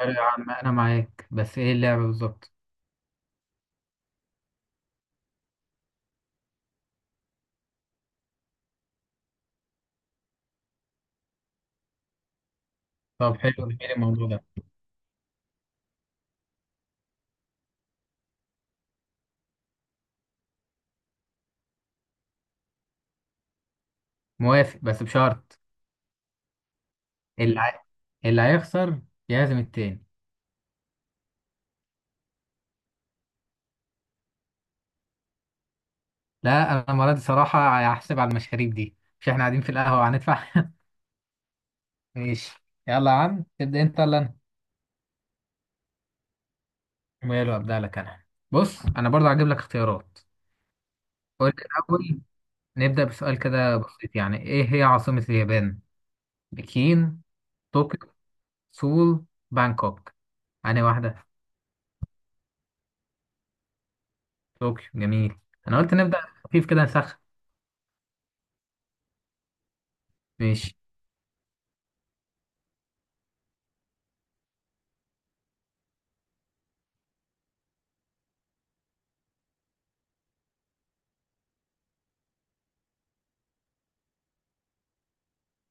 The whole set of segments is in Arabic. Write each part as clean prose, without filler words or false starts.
حلو يا عم، انا معاك، بس ايه اللعبة بالظبط؟ طب حلو. جميل الموضوع ده. موافق بس بشرط. اللي عاي... اللي هيخسر يعزم التاني. لا، انا المرة دي صراحة هحسب على المشاريب دي. مش احنا قاعدين في القهوة وهندفع؟ ماشي، يلا يا عم تبدأ انت ولا انا؟ ويلا ابدأ لك انا. بص انا برضه هجيب لك اختيارات. قول لي الاول. نبدأ بسؤال كده بسيط، يعني ايه هي عاصمة اليابان؟ بكين؟ طوكيو؟ سول؟ بانكوك؟ أنهي واحدة؟ طوكيو، جميل. انا قلت نبدأ خفيف كده نسخن. ماشي.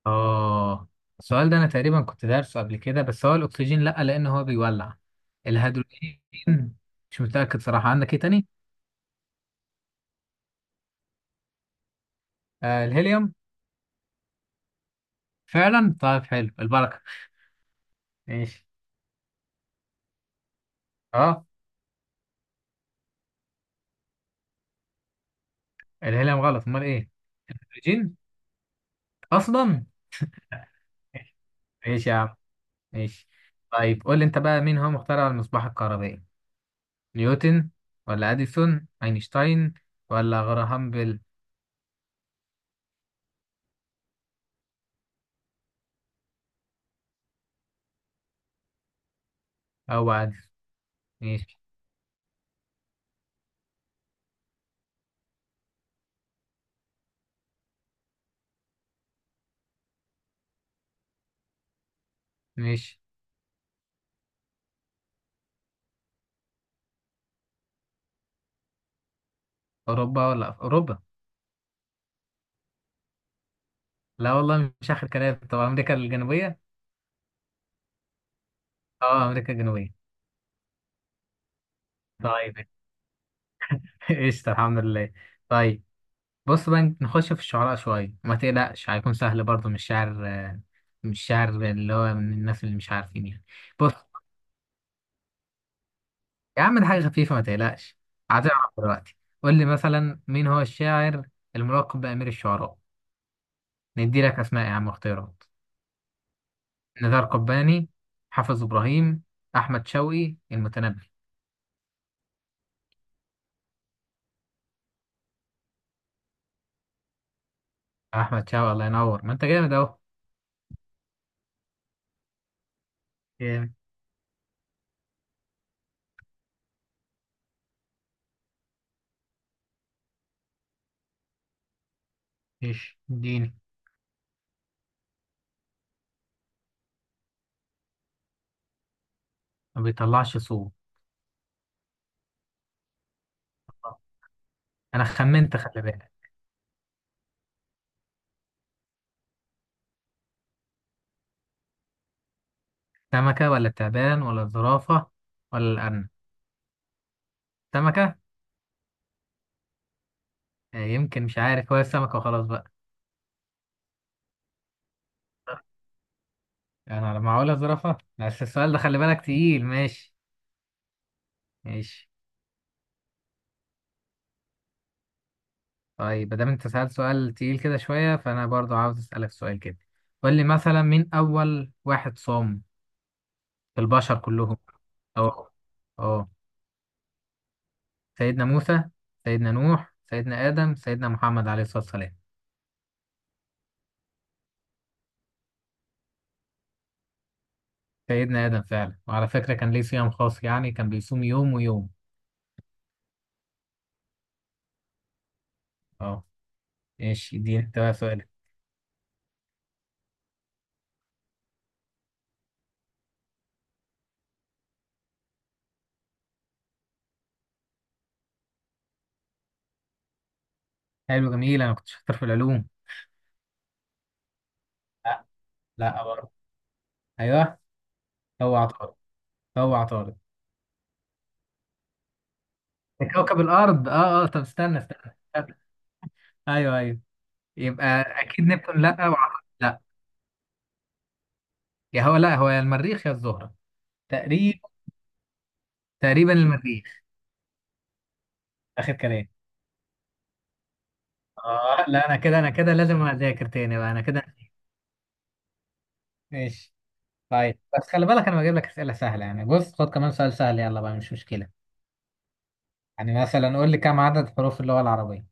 اه، السؤال ده انا تقريبا كنت دارسه قبل كده، بس هو الاكسجين لا لان هو بيولع. الهيدروجين. مش متاكد صراحه، عندك ايه تاني؟ آه الهيليوم، فعلا. طيب حلو، البركه. ماشي. اه. الهيليوم غلط، امال ايه؟ الهيدروجين اصلا. ماشي يا عم، ماشي. طيب قول لي انت بقى، مين هو مخترع المصباح الكهربائي؟ نيوتن، ولا اديسون، اينشتاين، ولا غراهام بيل؟ او اديسون. ماشي. ماشي. اوروبا، ولا اوروبا. لا والله، مش آخر كلام. طب أمريكا الجنوبية؟ أه أمريكا الجنوبية. طيب. قشطة، الحمد لله. طيب بص بقى، نخش في الشعراء شوية، وما تقلقش هيكون سهل برضه. مش شعر، مش شعر اللي هو من الناس اللي مش عارفين يعني. بص يا عم، ده حاجة خفيفة ما تقلقش. هتعرف دلوقتي. قول لي مثلا، مين هو الشاعر الملقب بأمير الشعراء؟ ندي لك أسماء يا عم، اختيارات. نزار قباني، حافظ إبراهيم، أحمد شوقي، المتنبي. أحمد شوقي، الله ينور، ما أنت جامد أهو. ايش اديني. ما بيطلعش صوت. انا خمنت، خلي بالك. سمكة ولا التعبان ولا الزرافة ولا الأرنب؟ سمكة. يمكن مش عارف، هو السمكة وخلاص بقى. يعني انا لما هقولها زرافة، بس السؤال ده خلي بالك تقيل. ماشي. ماشي. طيب ما دام انت سألت سؤال تقيل كده شوية، فانا برضو عاوز اسألك سؤال كده. قول لي مثلا، مين اول واحد صام في البشر كلهم؟ اه، اه. سيدنا موسى، سيدنا نوح، سيدنا آدم، سيدنا محمد عليه الصلاة والسلام. سيدنا آدم فعلا، وعلى فكرة كان ليه صيام خاص، يعني كان بيصوم يوم ويوم. اه. ماشي، دي انت بقى سؤالك. حلو، جميل، انا كنت شاطر في العلوم. لا. لا برضه. ايوه. هو عطارد. هو عطارد. ده كوكب الارض. اه اه، طب استنى استنى استنى. ايوه ايوه. يبقى اكيد نبتون لا، وعطارد لا. يا هو لا، هو يا المريخ يا الزهرة. تقريبا. تقريبا المريخ. اخر كلام. اه لا، انا كده، انا كده لازم اذاكر تاني بقى، انا كده. ماشي. طيب بس خلي بالك انا بجيب لك اسئله سهله، يعني بص خد كمان سؤال سهل، يلا بقى مش مشكله. يعني مثلا قول لي، كم عدد حروف اللغة العربية؟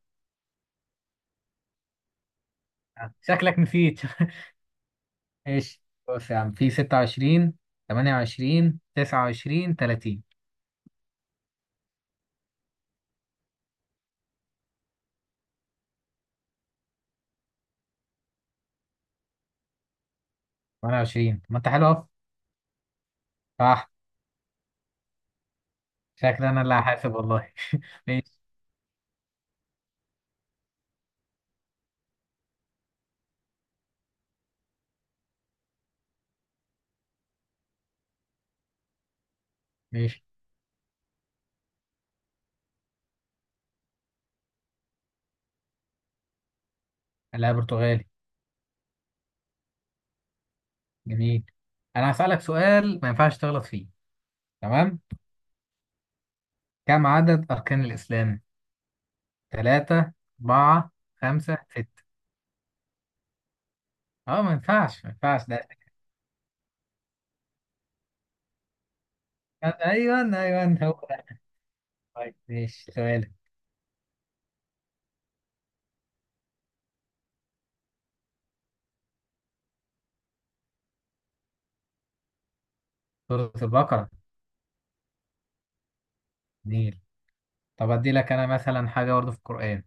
شكلك نسيت. ايش؟ بص يا عم، في 26، 28، 29، 30. 28؟ ما انت حلو اهو. صح؟ شكلي انا اللي هحاسب والله. ماشي. ماشي. لا، برتغالي. جميل. انا هسألك سؤال ما ينفعش تغلط فيه، تمام؟ كم عدد اركان الاسلام؟ 3، 4، 5، 6؟ اه ما ينفعش، ما ينفعش ده. ايوه ايوه، هو ده. طيب ماشي، سؤالك. سورة البقرة. جميل. طب أدي لك أنا مثلا حاجة برضه في القرآن.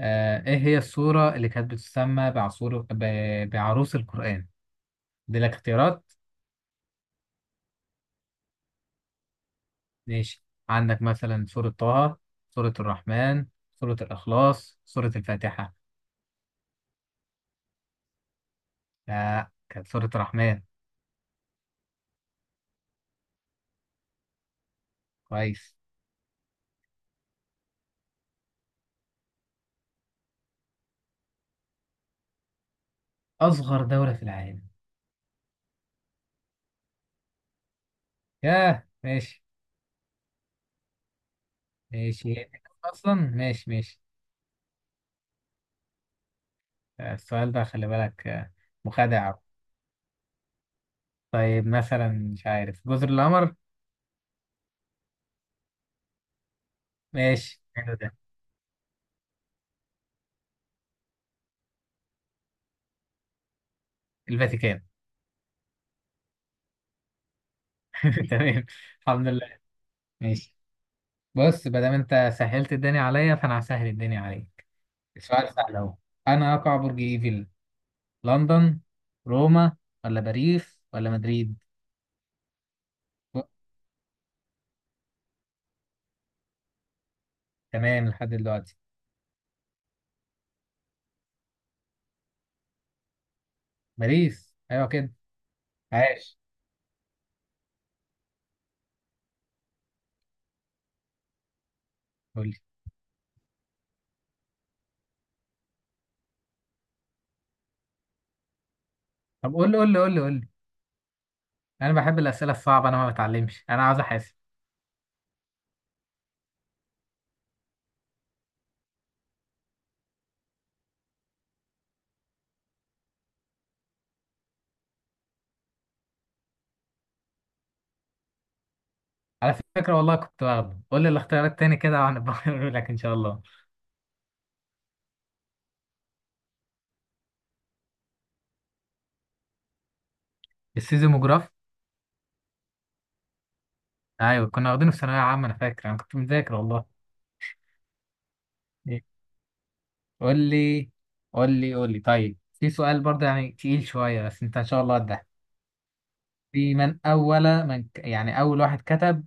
آه، إيه هي السورة اللي كانت بتسمى بعروس القرآن؟ أدي لك اختيارات. ماشي، عندك مثلا سورة طه، سورة الرحمن، سورة الإخلاص، سورة الفاتحة. لا، كانت سورة الرحمن. كويس. أصغر دولة في العالم. ياه، ماشي. ماشي، هي دي أصلا. ماشي ماشي. السؤال ده خلي بالك. مخادع. طيب مثلا مش عارف، جزر القمر. ماشي، حلو ده. الفاتيكان. تمام. الحمد لله. ماشي. بص، ما دام انت سهلت الدنيا عليا، فانا هسهل الدنيا عليك. سؤال سهل اهو. انا اقع برج ايفل؟ لندن، روما، ولا باريس، ولا مدريد؟ و- تمام لحد دلوقتي. باريس، ايوه كده. عاش. قول لي. طب قول لي، قول لي، قول لي، قول لي. انا بحب الاسئله الصعبه. انا ما بتعلمش، انا عاوز احاسب. على فكره والله كنت واخده. قول لي الاختيارات تاني كده، وهنبقى نقول لك ان شاء الله. السيزموجراف. ايوه، كنا واخدينه في ثانويه عامه. انا فاكر انا كنت مذاكر والله. قول لي، قول لي، قول لي. طيب في سؤال برضه يعني تقيل شوية، بس انت ان شاء الله ده. في، من اول من ك- يعني اول واحد كتب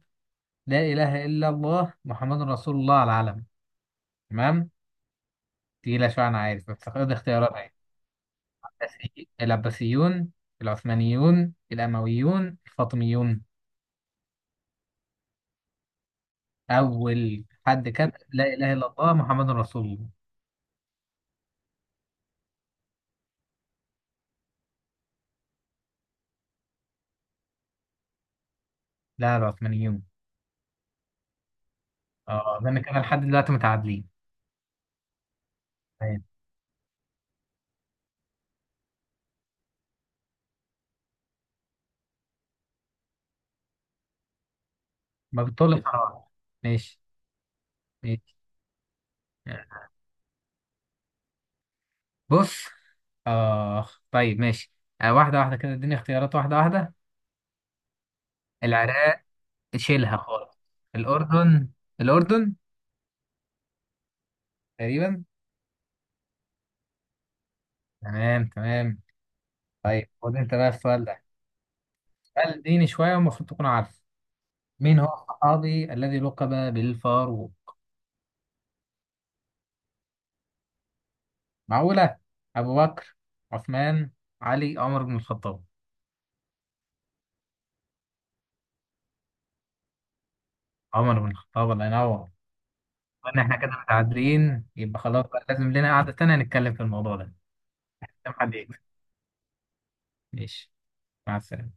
لا اله الا الله محمد رسول الله على العلم، تمام؟ تقيلة شوية انا عارف، بس خد اختيارات اهي. العباسيون، العثمانيون، الامويون، الفاطميون. اول حد كتب لا اله الا الله محمد رسول الله؟ لا، العثمانيون. اه، ده انا كده لحد دلوقتي متعادلين. تمام. ما بتطول القرار. ماشي. ماشي. بص. آه، طيب ماشي. آه، واحدة واحدة كده، اديني اختيارات واحدة واحدة. العراق. شيلها خالص. الأردن. الأردن. تقريبا. تمام تمام. طيب خد انت بقى السؤال ده. سؤال ديني شوية، والمفروض تكون عارف. مين هو الصحابي الذي لقب بالفاروق؟ معقولة. أبو بكر، عثمان، علي، عمر بن الخطاب؟ عمر بن الخطاب، الله ينور. قلنا احنا كده متعادلين، يبقى خلاص بقى لازم لنا قعدة تانية نتكلم في الموضوع ده. كم حد يكسب. ماشي. مع السلامة.